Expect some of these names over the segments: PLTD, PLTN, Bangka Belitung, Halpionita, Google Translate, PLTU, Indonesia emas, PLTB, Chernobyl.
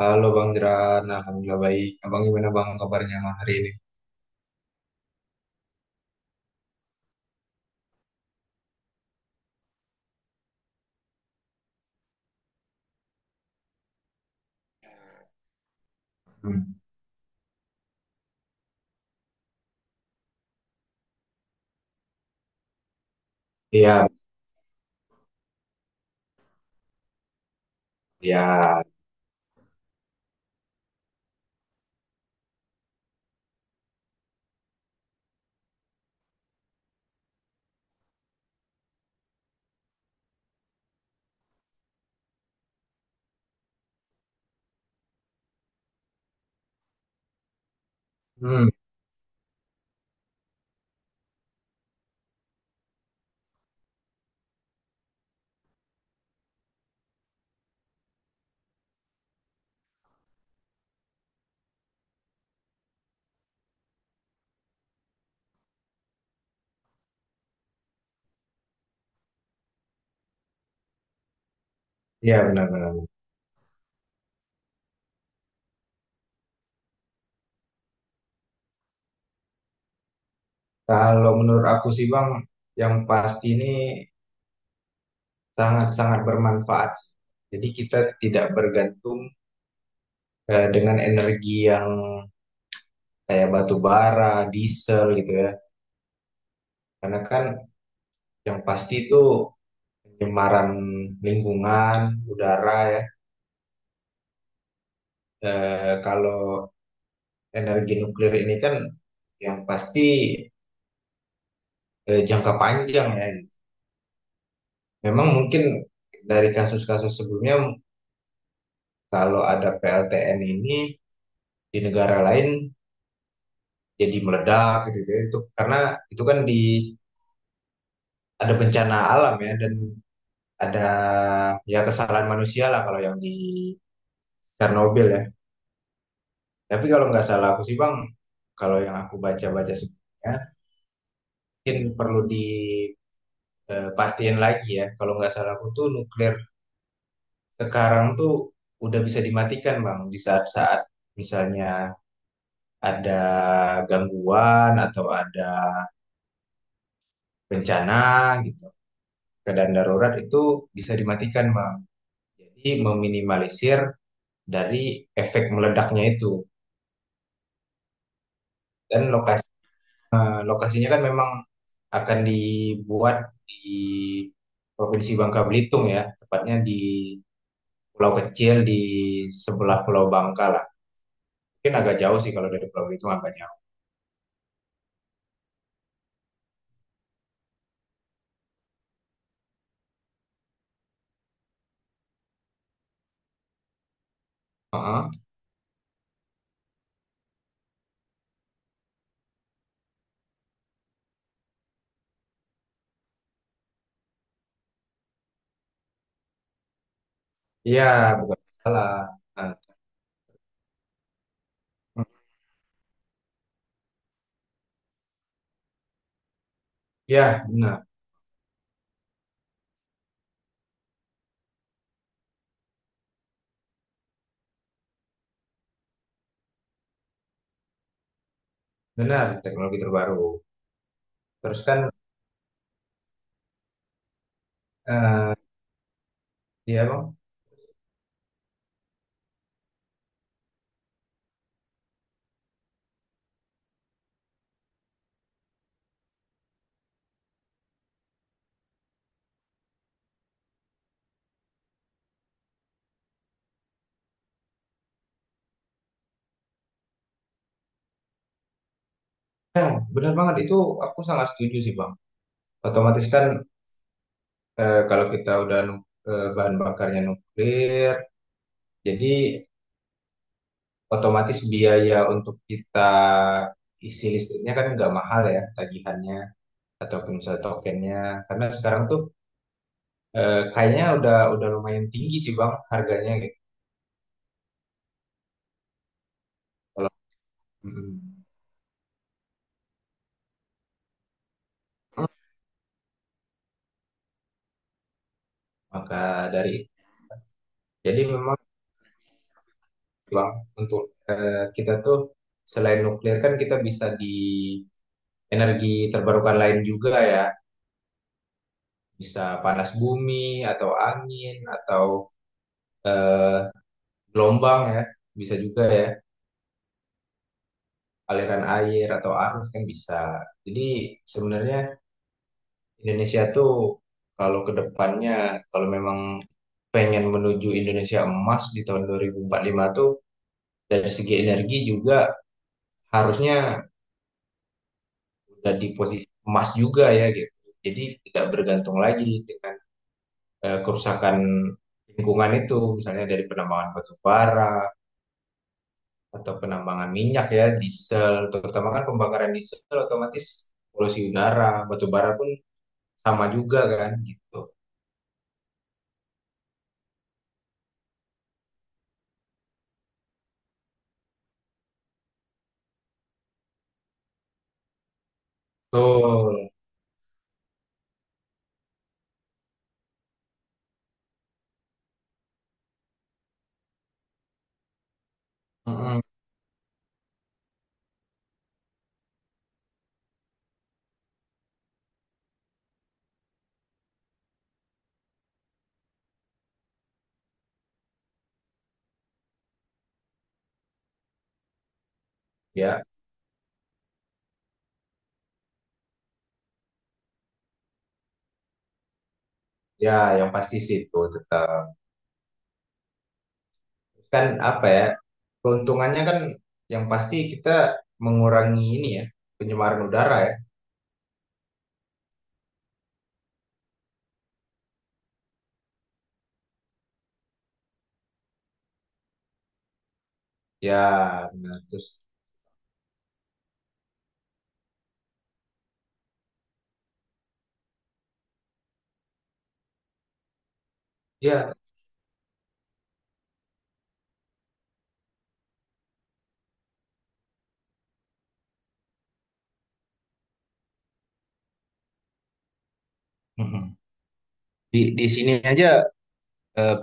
Halo Bang Jeran, Alhamdulillah baik. Abang gimana Bang kabarnya malam hari ini? Hmm. Iya, iya. Hmm, iya benar-benar. Kalau menurut aku sih Bang, yang pasti ini sangat-sangat bermanfaat. Jadi kita tidak bergantung dengan energi yang kayak batu bara, diesel gitu ya. Karena kan yang pasti itu pencemaran lingkungan, udara ya. Kalau energi nuklir ini kan yang pasti jangka panjang ya, gitu. Memang mungkin dari kasus-kasus sebelumnya kalau ada PLTN ini di negara lain jadi meledak gitu, gitu. Itu karena itu kan di ada bencana alam ya, dan ada ya kesalahan manusia lah kalau yang di Chernobyl ya. Tapi kalau nggak salah aku sih Bang, kalau yang aku baca-baca sebelumnya mungkin perlu di pastiin lagi ya. Kalau nggak salah aku tuh nuklir sekarang tuh udah bisa dimatikan Bang di saat-saat misalnya ada gangguan atau ada bencana gitu, keadaan darurat itu bisa dimatikan Bang, jadi meminimalisir dari efek meledaknya itu. Dan lokasinya kan memang akan dibuat di Provinsi Bangka Belitung ya, tepatnya di pulau kecil di sebelah Pulau Bangka lah, mungkin agak jauh sih kalau dari Pulau Belitung, agak jauh. Heeh. Iya, bukan salah. Nah, ya, benar, benar teknologi terbaru. Terus kan, eh, ya bang, benar banget itu, aku sangat setuju sih bang. Otomatis kan eh, kalau kita udah nu- eh, bahan bakarnya nuklir, jadi otomatis biaya untuk kita isi listriknya kan nggak mahal ya tagihannya ataupun misalnya tokennya. Karena sekarang tuh kayaknya udah lumayan tinggi sih bang harganya gitu. Kalau mm, maka dari jadi memang lah untuk kita tuh, selain nuklir kan kita bisa di energi terbarukan lain juga ya, bisa panas bumi atau angin atau eh, gelombang ya, bisa juga ya aliran air atau arus kan bisa. Jadi sebenarnya Indonesia tuh kalau ke depannya kalau memang pengen menuju Indonesia emas di tahun 2045 tuh, dari segi energi juga harusnya udah di posisi emas juga ya gitu. Jadi tidak bergantung lagi dengan kerusakan lingkungan itu, misalnya dari penambangan batu bara atau penambangan minyak ya, diesel, terutama kan pembakaran diesel otomatis polusi udara, batu bara pun sama juga kan gitu. Betul. Mm-mm. Ya, ya yang pasti situ tetap. Kan apa ya? Keuntungannya kan yang pasti kita mengurangi ini ya, pencemaran udara ya. Ya, benar. Terus ya. Mhm. Di sini aja eh,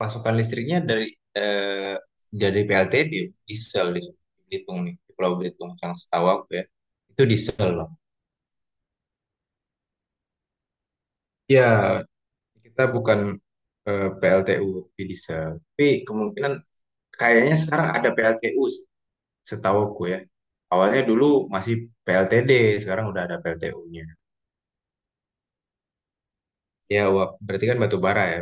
pasokan listriknya eh, dari PLTB diesel di Belitung nih, di Pulau Belitung, yang setahu aku ya itu diesel loh. Ya, kita bukan PLTU tapi diesel. Tapi kemungkinan kayaknya sekarang ada PLTU sih, setahu aku ya. Awalnya dulu masih PLTD, sekarang udah ada PLTU-nya. Ya wah, berarti kan batu bara ya.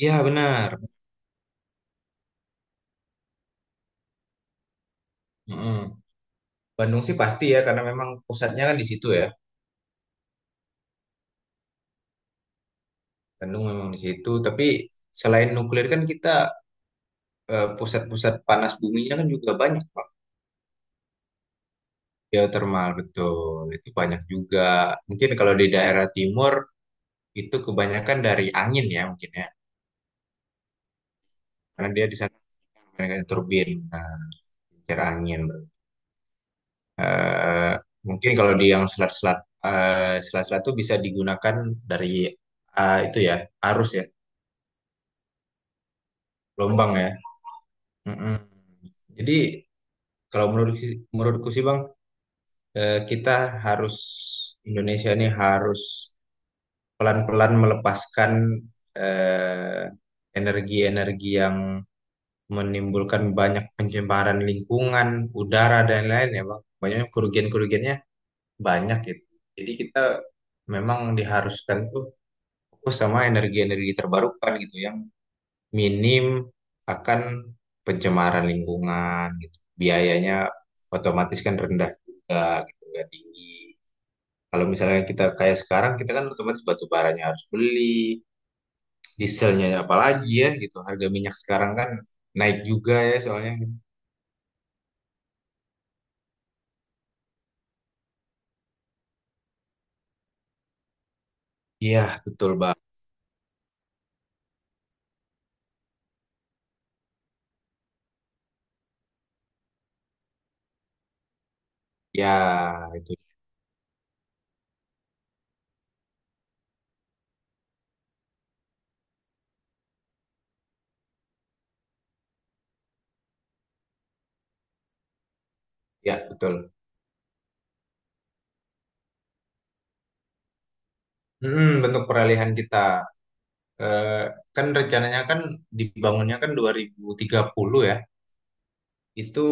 Iya benar. Mm-mm. Bandung sih pasti ya, karena memang pusatnya kan di situ ya. Bandung memang di situ, tapi selain nuklir kan kita pusat-pusat panas buminya kan juga banyak, Pak. Geotermal, betul. Itu banyak juga. Mungkin kalau di daerah timur itu kebanyakan dari angin ya mungkin ya. Karena dia di sana mereka turbin, nah, kincir angin. Eh, Mungkin kalau di yang selat-selat itu bisa digunakan dari itu ya, arus ya, gelombang ya. Mm-mm. Jadi kalau menurutku sih Bang, kita harus Indonesia ini harus pelan-pelan melepaskan eh, energi-energi yang menimbulkan banyak pencemaran lingkungan, udara dan lain-lain ya Bang. Banyak kerugian-kerugiannya, banyak gitu. Jadi kita memang diharuskan tuh fokus sama energi-energi terbarukan gitu, yang minim akan pencemaran lingkungan gitu. Biayanya otomatis kan rendah juga gitu, nggak tinggi. Kalau misalnya kita kayak sekarang, kita kan otomatis batu baranya harus beli, dieselnya apalagi ya gitu. Harga minyak sekarang kan naik juga ya soalnya. Iya, betul Bang. Ya, itu. Ya, betul. Bentuk peralihan kita. Eh, Kan rencananya kan dibangunnya kan 2030 ya. Itu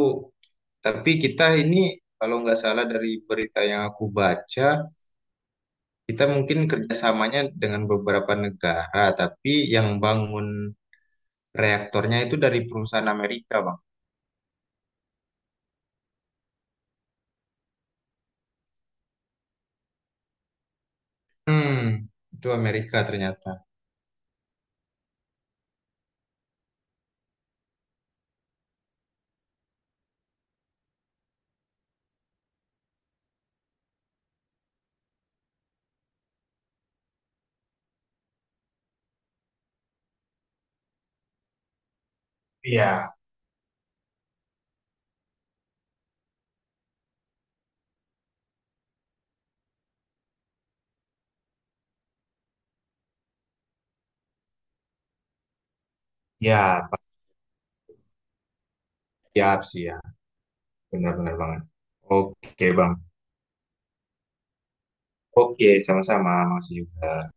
tapi kita ini, kalau nggak salah dari berita yang aku baca, kita mungkin kerjasamanya dengan beberapa negara, tapi yang bangun reaktornya itu dari perusahaan Amerika, Bang. Hmm, itu Amerika ternyata. Iya, ya, Pak. Siap, siap. Benar-benar banget. Oke, Bang. Oke, sama-sama. Makasih juga.